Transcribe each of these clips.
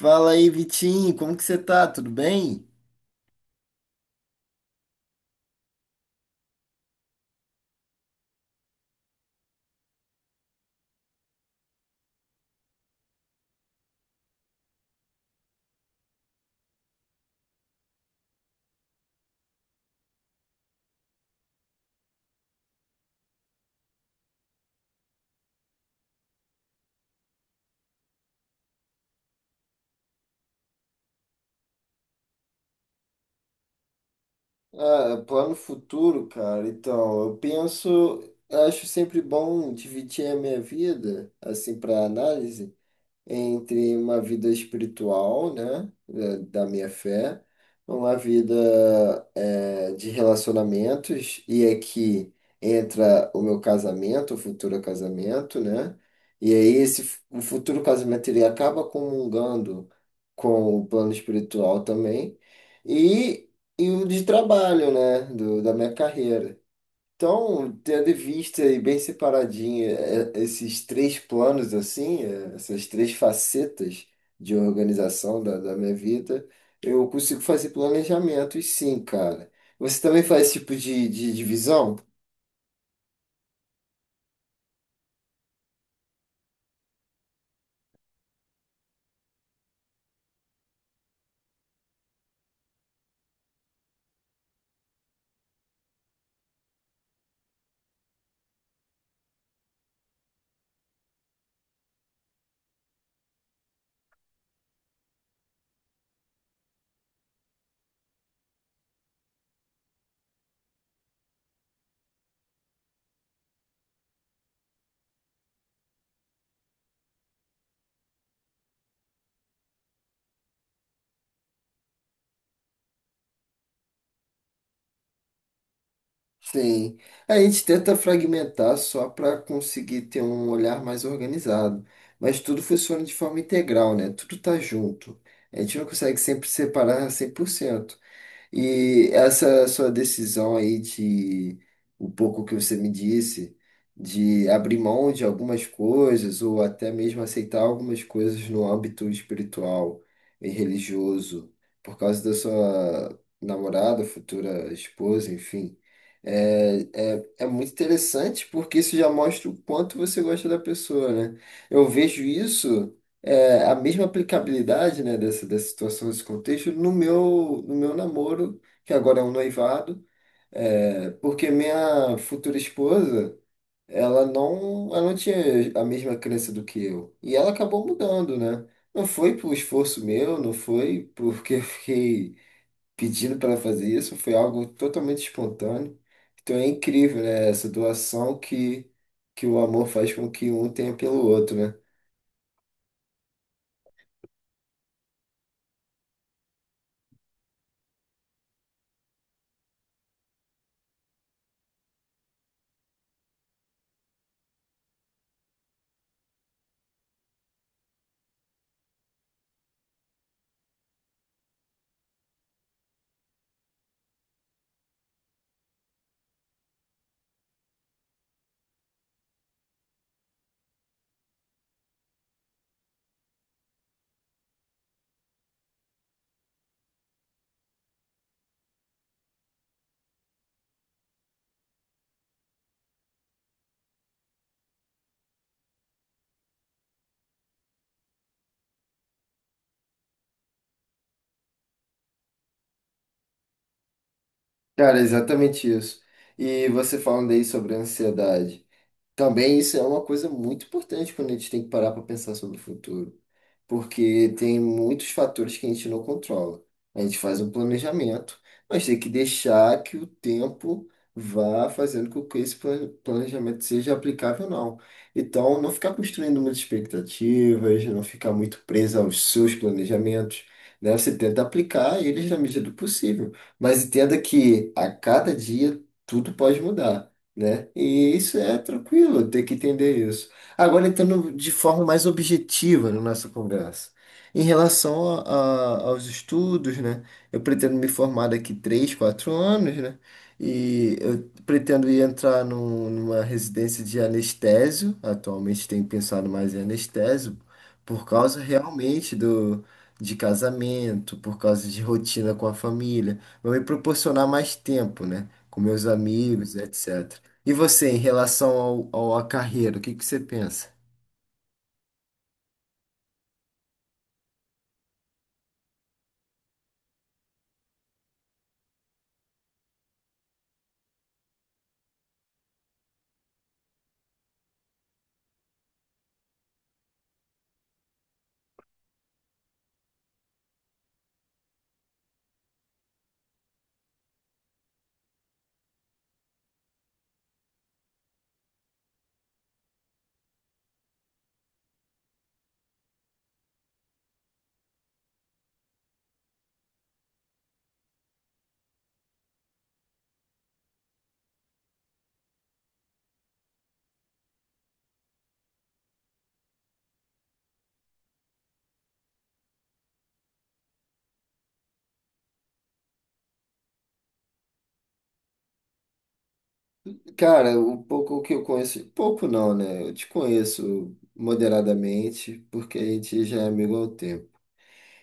Fala aí, Vitinho, como que você tá? Tudo bem? Ah, plano futuro, cara. Então, eu penso, acho sempre bom dividir a minha vida, assim, para análise, entre uma vida espiritual, né, da minha fé, uma vida de relacionamentos, e aqui entra o meu casamento, o futuro casamento, né? E aí o futuro casamento ele acaba comungando com o plano espiritual também, e, e o de trabalho, né, do, da minha carreira. Então, tendo em vista e bem separadinho esses três planos, assim, essas três facetas de organização da minha vida, eu consigo fazer planejamentos, sim, cara. Você também faz esse tipo de divisão? Sim. A gente tenta fragmentar só para conseguir ter um olhar mais organizado, mas tudo funciona de forma integral, né? Tudo tá junto. A gente não consegue sempre separar 100%. E essa sua decisão aí de o pouco que você me disse, de abrir mão de algumas coisas ou até mesmo aceitar algumas coisas no âmbito espiritual e religioso, por causa da sua namorada, futura esposa, enfim, é muito interessante porque isso já mostra o quanto você gosta da pessoa, né? Eu vejo isso a mesma aplicabilidade, né, dessa situação, desse contexto, no meu namoro, que agora é um noivado, porque minha futura esposa, ela não tinha a mesma crença do que eu. E ela acabou mudando, né? Não foi por esforço meu, não foi porque eu fiquei pedindo para ela fazer isso, foi algo totalmente espontâneo. Então é incrível, né, essa doação que o amor faz com que um tenha pelo outro, né? Cara, é exatamente isso. E você falando aí sobre a ansiedade. Também isso é uma coisa muito importante quando a gente tem que parar para pensar sobre o futuro porque tem muitos fatores que a gente não controla. A gente faz um planejamento, mas tem que deixar que o tempo vá fazendo com que esse planejamento seja aplicável ou não. Então, não ficar construindo muitas expectativas, não ficar muito preso aos seus planejamentos. Né? Você tenta aplicar eles na medida do possível, mas entenda que a cada dia tudo pode mudar, né? E isso é tranquilo, tem que entender isso. Agora entrando de forma mais objetiva na nossa conversa. Em relação aos estudos, né? Eu pretendo me formar daqui 3 4 anos, né? E eu pretendo ir entrar numa residência de anestésio. Atualmente tenho pensado mais em anestésio, por causa realmente do, de casamento, por causa de rotina com a família. Vai me proporcionar mais tempo, né? Com meus amigos, etc. E você, em relação ao, à carreira, o que que você pensa? Cara, um pouco que eu conheço, pouco não, né? Eu te conheço moderadamente, porque a gente já é amigo há um tempo.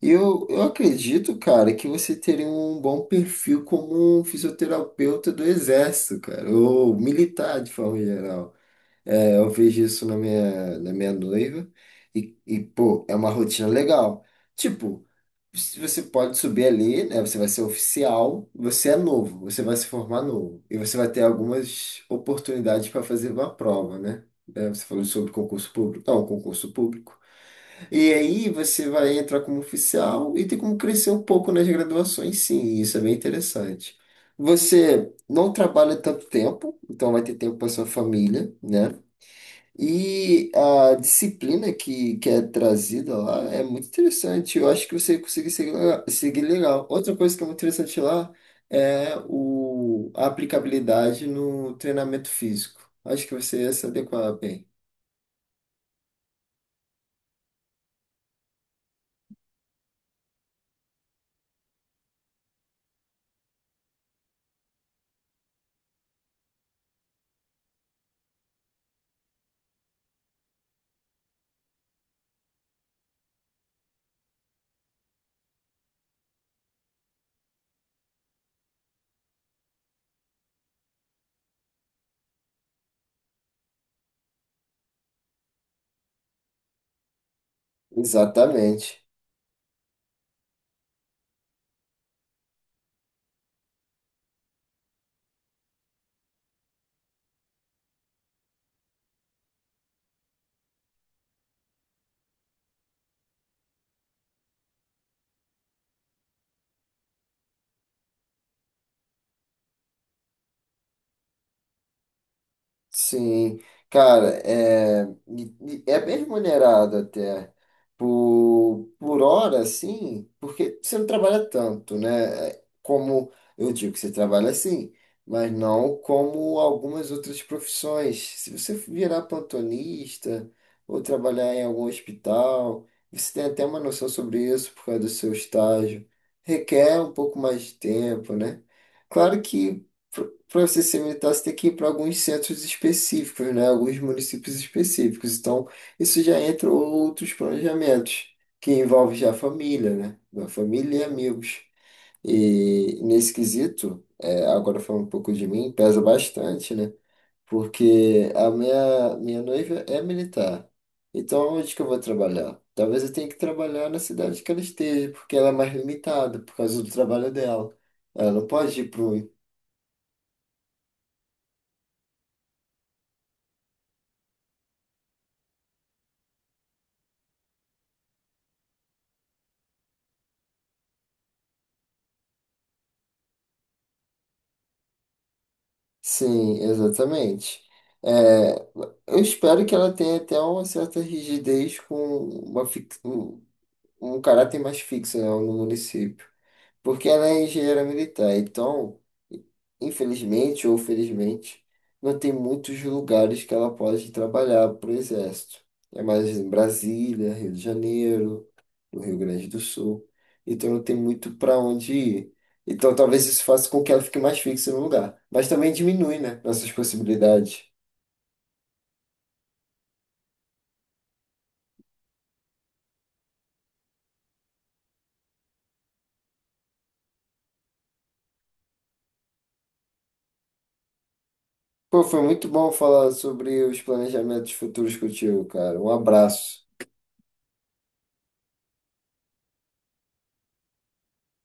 E eu acredito, cara, que você teria um bom perfil como um fisioterapeuta do Exército, cara, ou militar de forma geral. Eu vejo isso na minha noiva. Pô, é uma rotina legal. Tipo, se você pode subir ali, né? Você vai ser oficial, você é novo, você vai se formar novo. E você vai ter algumas oportunidades para fazer uma prova, né? Você falou sobre concurso público. Não, concurso público. E aí você vai entrar como oficial e tem como crescer um pouco nas graduações, sim, e isso é bem interessante. Você não trabalha tanto tempo, então vai ter tempo para sua família, né? E a disciplina que é trazida lá é muito interessante. Eu acho que você consegue seguir legal. Outra coisa que é muito interessante lá é o, a aplicabilidade no treinamento físico. Acho que você ia se adequar bem. Exatamente. Sim, cara, e é bem remunerado até por hora, sim, porque você não trabalha tanto, né? Como eu digo que você trabalha assim, mas não como algumas outras profissões. Se você virar plantonista ou trabalhar em algum hospital, você tem até uma noção sobre isso por causa do seu estágio. Requer um pouco mais de tempo, né? Claro que para você ser militar, você tem que ir para alguns centros específicos, né? Alguns municípios específicos. Então, isso já entra outros planejamentos, que envolve já a família, né? A família e amigos. E nesse quesito, é, agora falando um pouco de mim, pesa bastante, né? Porque a minha noiva é militar. Então, onde que eu vou trabalhar? Talvez eu tenha que trabalhar na cidade que ela esteja, porque ela é mais limitada por causa do trabalho dela. Ela não pode ir para um Sim, exatamente. É, eu espero que ela tenha até uma certa rigidez com uma fix- um, um caráter mais fixo, né, no município, porque ela é engenheira militar, então, infelizmente ou felizmente, não tem muitos lugares que ela pode trabalhar para o Exército. É mais em Brasília, Rio de Janeiro, no Rio Grande do Sul. Então não tem muito para onde ir. Então talvez isso faça com que ela fique mais fixa no lugar. Mas também diminui, né, nossas possibilidades. Pô, foi muito bom falar sobre os planejamentos futuros contigo, cara. Um abraço.